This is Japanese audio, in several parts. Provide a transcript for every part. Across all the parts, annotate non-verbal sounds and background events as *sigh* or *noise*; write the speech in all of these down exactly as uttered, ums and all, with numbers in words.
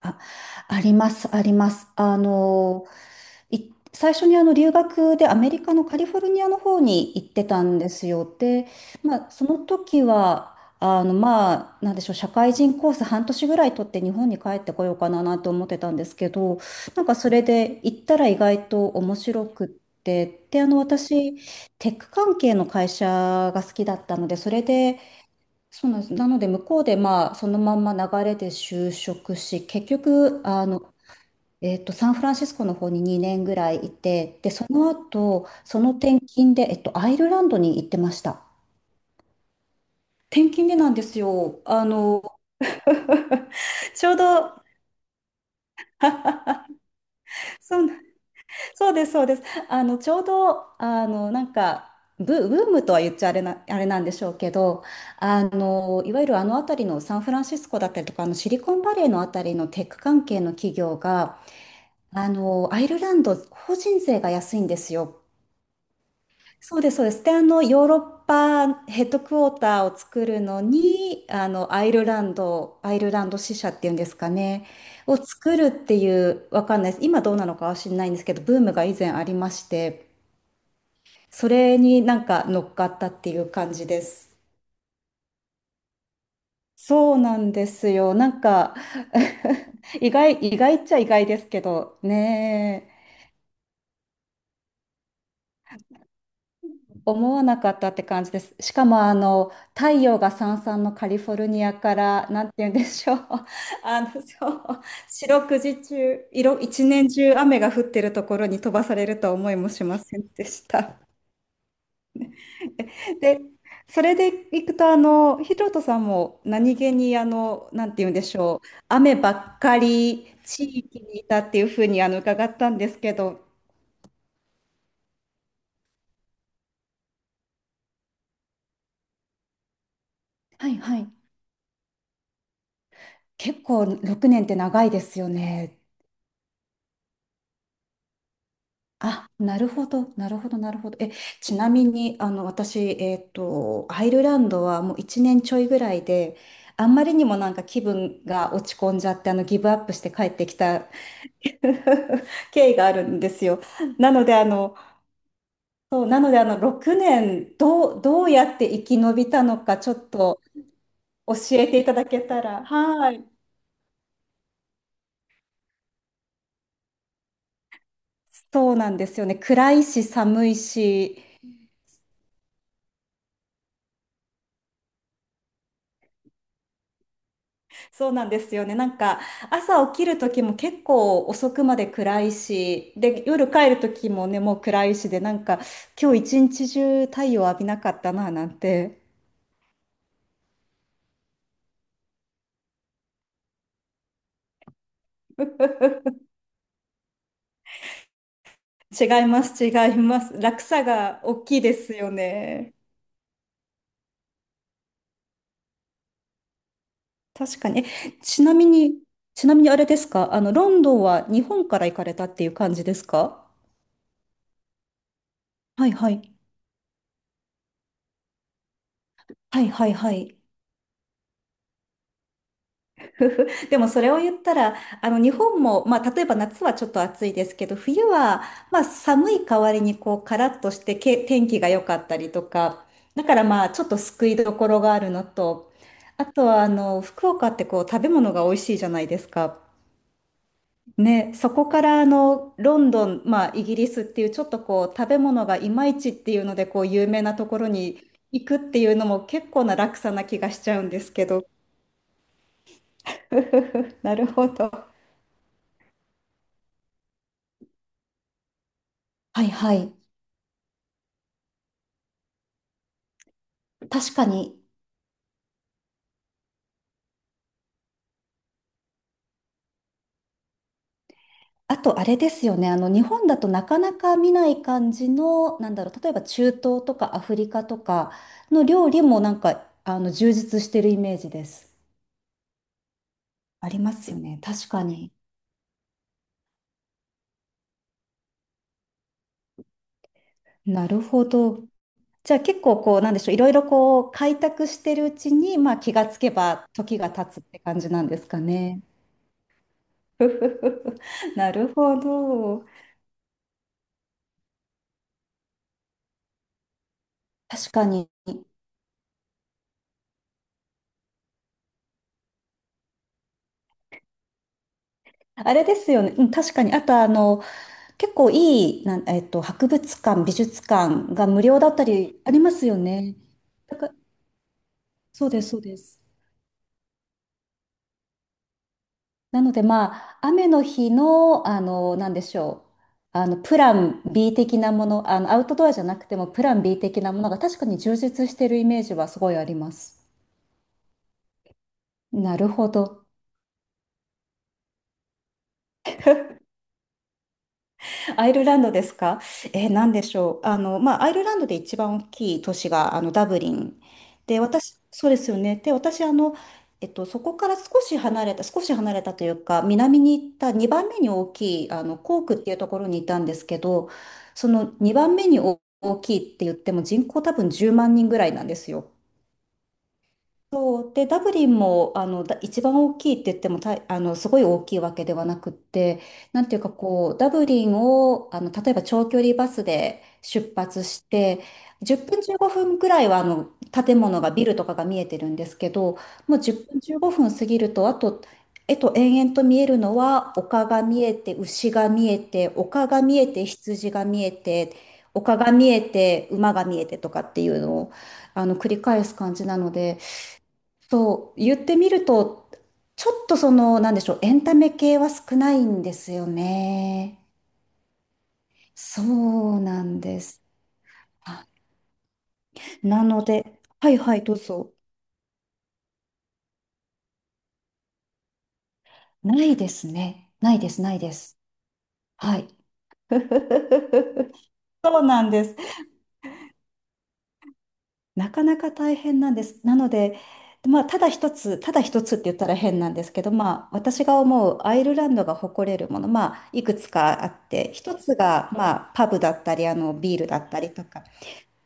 あ、あります、あります。あの、い、最初にあの留学でアメリカのカリフォルニアの方に行ってたんですよ。で、まあ、その時は、あの、まあ、なんでしょう、社会人コース半年ぐらい取って日本に帰ってこようかなと思ってたんですけど、なんかそれで行ったら意外と面白くって、で、あの、私、テック関係の会社が好きだったので、それで、そうなんです。なので、向こうで、まあ、そのまんま流れで就職し、結局、あの、えっと、サンフランシスコの方ににねんぐらいいて、で、その後、その転勤で、えっと、アイルランドに行ってました。転勤でなんですよ。あの、*laughs* ちょうど、そうなんそうです、そうです。あの、ちょうど、あの、なんか、ブ、ブームとは言っちゃあれな、あれなんでしょうけど、あの、いわゆるあの辺りのサンフランシスコだったりとか、あのシリコンバレーのあたりのテック関係の企業が、あの、アイルランド、法人税が安いんですよ。そうです、そうです。で、あの、ヨーロッパヘッドクォーターを作るのに、あの、アイルランド、アイルランド支社っていうんですかね、を作るっていう、わかんないです。今どうなのかは知らないんですけど、ブームが以前ありまして、それになんか乗っかったっていう感じです。そうなんですよ。なんか *laughs* 意外、意外っちゃ意外ですけどねえ、思わなかったって感じです。しかもあの太陽がさんさんのカリフォルニアからなんて言うんでしょう、*laughs* あのそう四六時中、色一年中雨が降ってるところに飛ばされるとは思いもしませんでした。で、それでいくと、あの、ヒロトさんも何気に、あの、なんて言うんでしょう、雨ばっかり地域にいたっていうふうに、あの、伺ったんですけど、はいはい。結構ろくねんって長いですよね。あ、なるほど、なるほど、なるほど。え、ちなみに、あの、私、えっと、アイルランドはもういちねんちょいぐらいで、あんまりにもなんか気分が落ち込んじゃって、あの、ギブアップして帰ってきた *laughs* 経緯があるんですよ。なので、あの、なので、あの、ろくねん、どう、どうやって生き延びたのか、ちょっと教えていただけたら。はい。そうなんですよね。暗いし、寒いし、そうなんですよね。なんか、朝起きる時も結構遅くまで暗いし、で、夜帰る時もね、もう暗いしで、なんか、今日一日中太陽浴びなかったな、なんて。違います、違います。落差が大きいですよね。確かに。え、ちなみに、ちなみにあれですか、あの、ロンドンは日本から行かれたっていう感じですか？はいはい。はいはいはい。でもそれを言ったら、あの、日本も、まあ、例えば夏はちょっと暑いですけど、冬は、まあ、寒い代わりに、こう、カラッとしてけ、天気が良かったりとか、だからまあ、ちょっと救いどころがあるのと、あとは、あの、福岡ってこう、食べ物が美味しいじゃないですか。ね、そこからあのロンドン、まあ、イギリスっていうちょっとこう食べ物がいまいちっていうのでこう有名なところに行くっていうのも結構な落差な気がしちゃうんですけど。*laughs* なるほど。はいはい。確かに。あとあれですよね。あの日本だとなかなか見ない感じの、なんだろう、例えば中東とかアフリカとかの料理もなんかあの充実してるイメージです。ありますよね。確かに。なるほど。じゃあ結構こう、なんでしょう、いろいろこう、開拓してるうちに、まあ気がつけば時が経つって感じなんですかね。*laughs* ふふふなるほど。確かに。あれですよね。うん、確かに。あとあの、結構いい、なん、えっと、博物館、美術館が無料だったりありますよね。だから、そうです、そうです。なのでまあ、雨の日の、あの、なんでしょう。あの、プラン B 的なもの、あの、アウトドアじゃなくてもプラン B 的なものが確かに充実してるイメージはすごいあります。なるほど。アイルランドですか？えー、なんでしょう。あの、まあ、アイルランドで一番大きい都市が、あの、ダブリン。で、私、そうですよね。で、私、あの、えっと、そこから少し離れた、少し離れたというか、南に行ったにばんめに大きい、あの、コークっていうところにいたんですけど、そのにばんめに大大きいって言っても人口多分じゅうまん人ぐらいなんですよ。そうで、ダブリンもあのだ一番大きいって言ってもたあのすごい大きいわけではなくって、なんていうかこう、ダブリンをあの例えば長距離バスで出発して、じゅっぷんじゅうごふんぐらいはあの建物がビルとかが見えてるんですけど、もうじゅっぷんじゅうごふん過ぎると、あと、えっと、延々と見えるのは丘が見えて、牛が見えて、丘が見えて、羊が見えて、丘が見えて、馬が見えてとかっていうのをあの繰り返す感じなので。そう、言ってみると、ちょっとその、なんでしょう、エンタメ系は少ないんですよね。そうなんです。あなので、はいはい、どうぞ。ないですね。ないです、ないです。はい。*laughs* そうなんです。なかなか大変なんです。なので、まあ、ただ一つ、ただ一つって言ったら変なんですけど、まあ、私が思うアイルランドが誇れるもの、まあ、いくつかあって、一つが、まあ、パブだったり、あの、ビールだったりとか、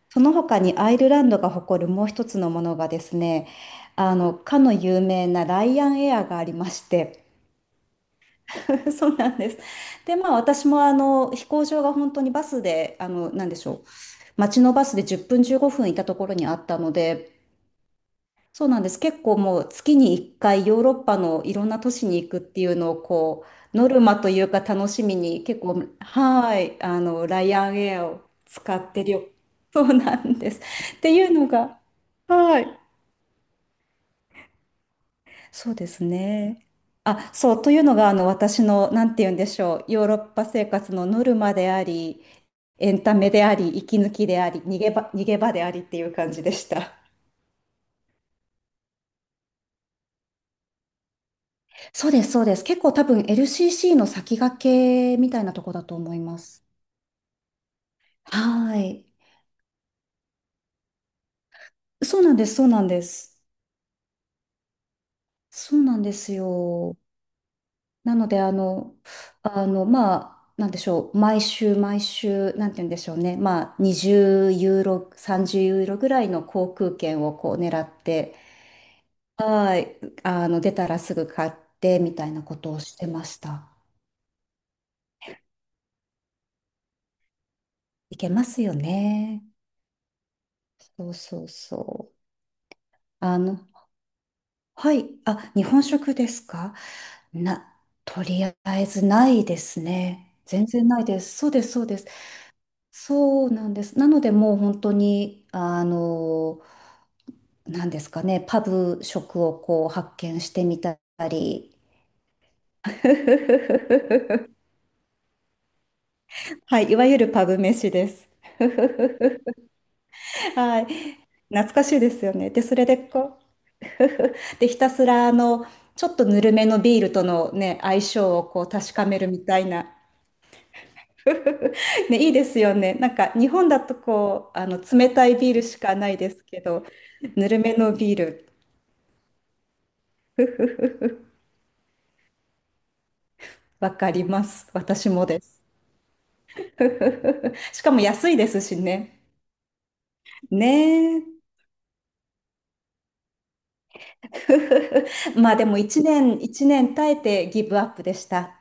その他にアイルランドが誇るもう一つのものがですね、あの、かの有名なライアンエアがありまして、*laughs* そうなんです。で、まあ私もあの飛行場が本当にバスで、あの、なんでしょう、街のバスでじゅっぷんじゅうごふんいたところにあったので、そうなんです。結構もう月にいっかいヨーロッパのいろんな都市に行くっていうのをこうノルマというか楽しみに結構はいあのライアンエアを使ってるよ。*laughs* そうなんです。っていうのがはいそうですね。あ、そうというのがあの私のなんて言うんでしょうヨーロッパ生活のノルマでありエンタメであり息抜きであり逃げ場、逃げ場でありっていう感じでした。そうです、そうです。結構多分 エルシーシー の先駆けみたいなとこだと思います。はい。そうなんです、そうなんです。そうなんですよ。なので、あの、あの、まあ、なんでしょう。毎週、毎週、なんて言うんでしょうね。まあ、にじゅうユーロ、さんじゅうユーロぐらいの航空券をこう狙って、はい。あの、出たらすぐ買ってみたいなことをしてました。いけますよね。そうそうそう。あの、はい。あ、日本食ですか？な、とりあえずないですね。全然ないです。そうです、そうです。そうなんです。なので、もう本当に、あの、なんですかね、パブ食をこう発見してみたり。*laughs* はい、いわゆるパブ飯です。*laughs* はい、懐かしいですよね。で、それでこう、*laughs* で、ひたすらあの、ちょっとぬるめのビールとのね、相性をこう確かめるみたいな。*laughs* ね、いいですよね。なんか日本だとこう、あの冷たいビールしかないですけど、ぬるめのビール、*laughs* わかります。私もです。*laughs* しかも安いですしね。ねえ。*laughs* まあでもいちねん、いちねん耐えてギブアップでした。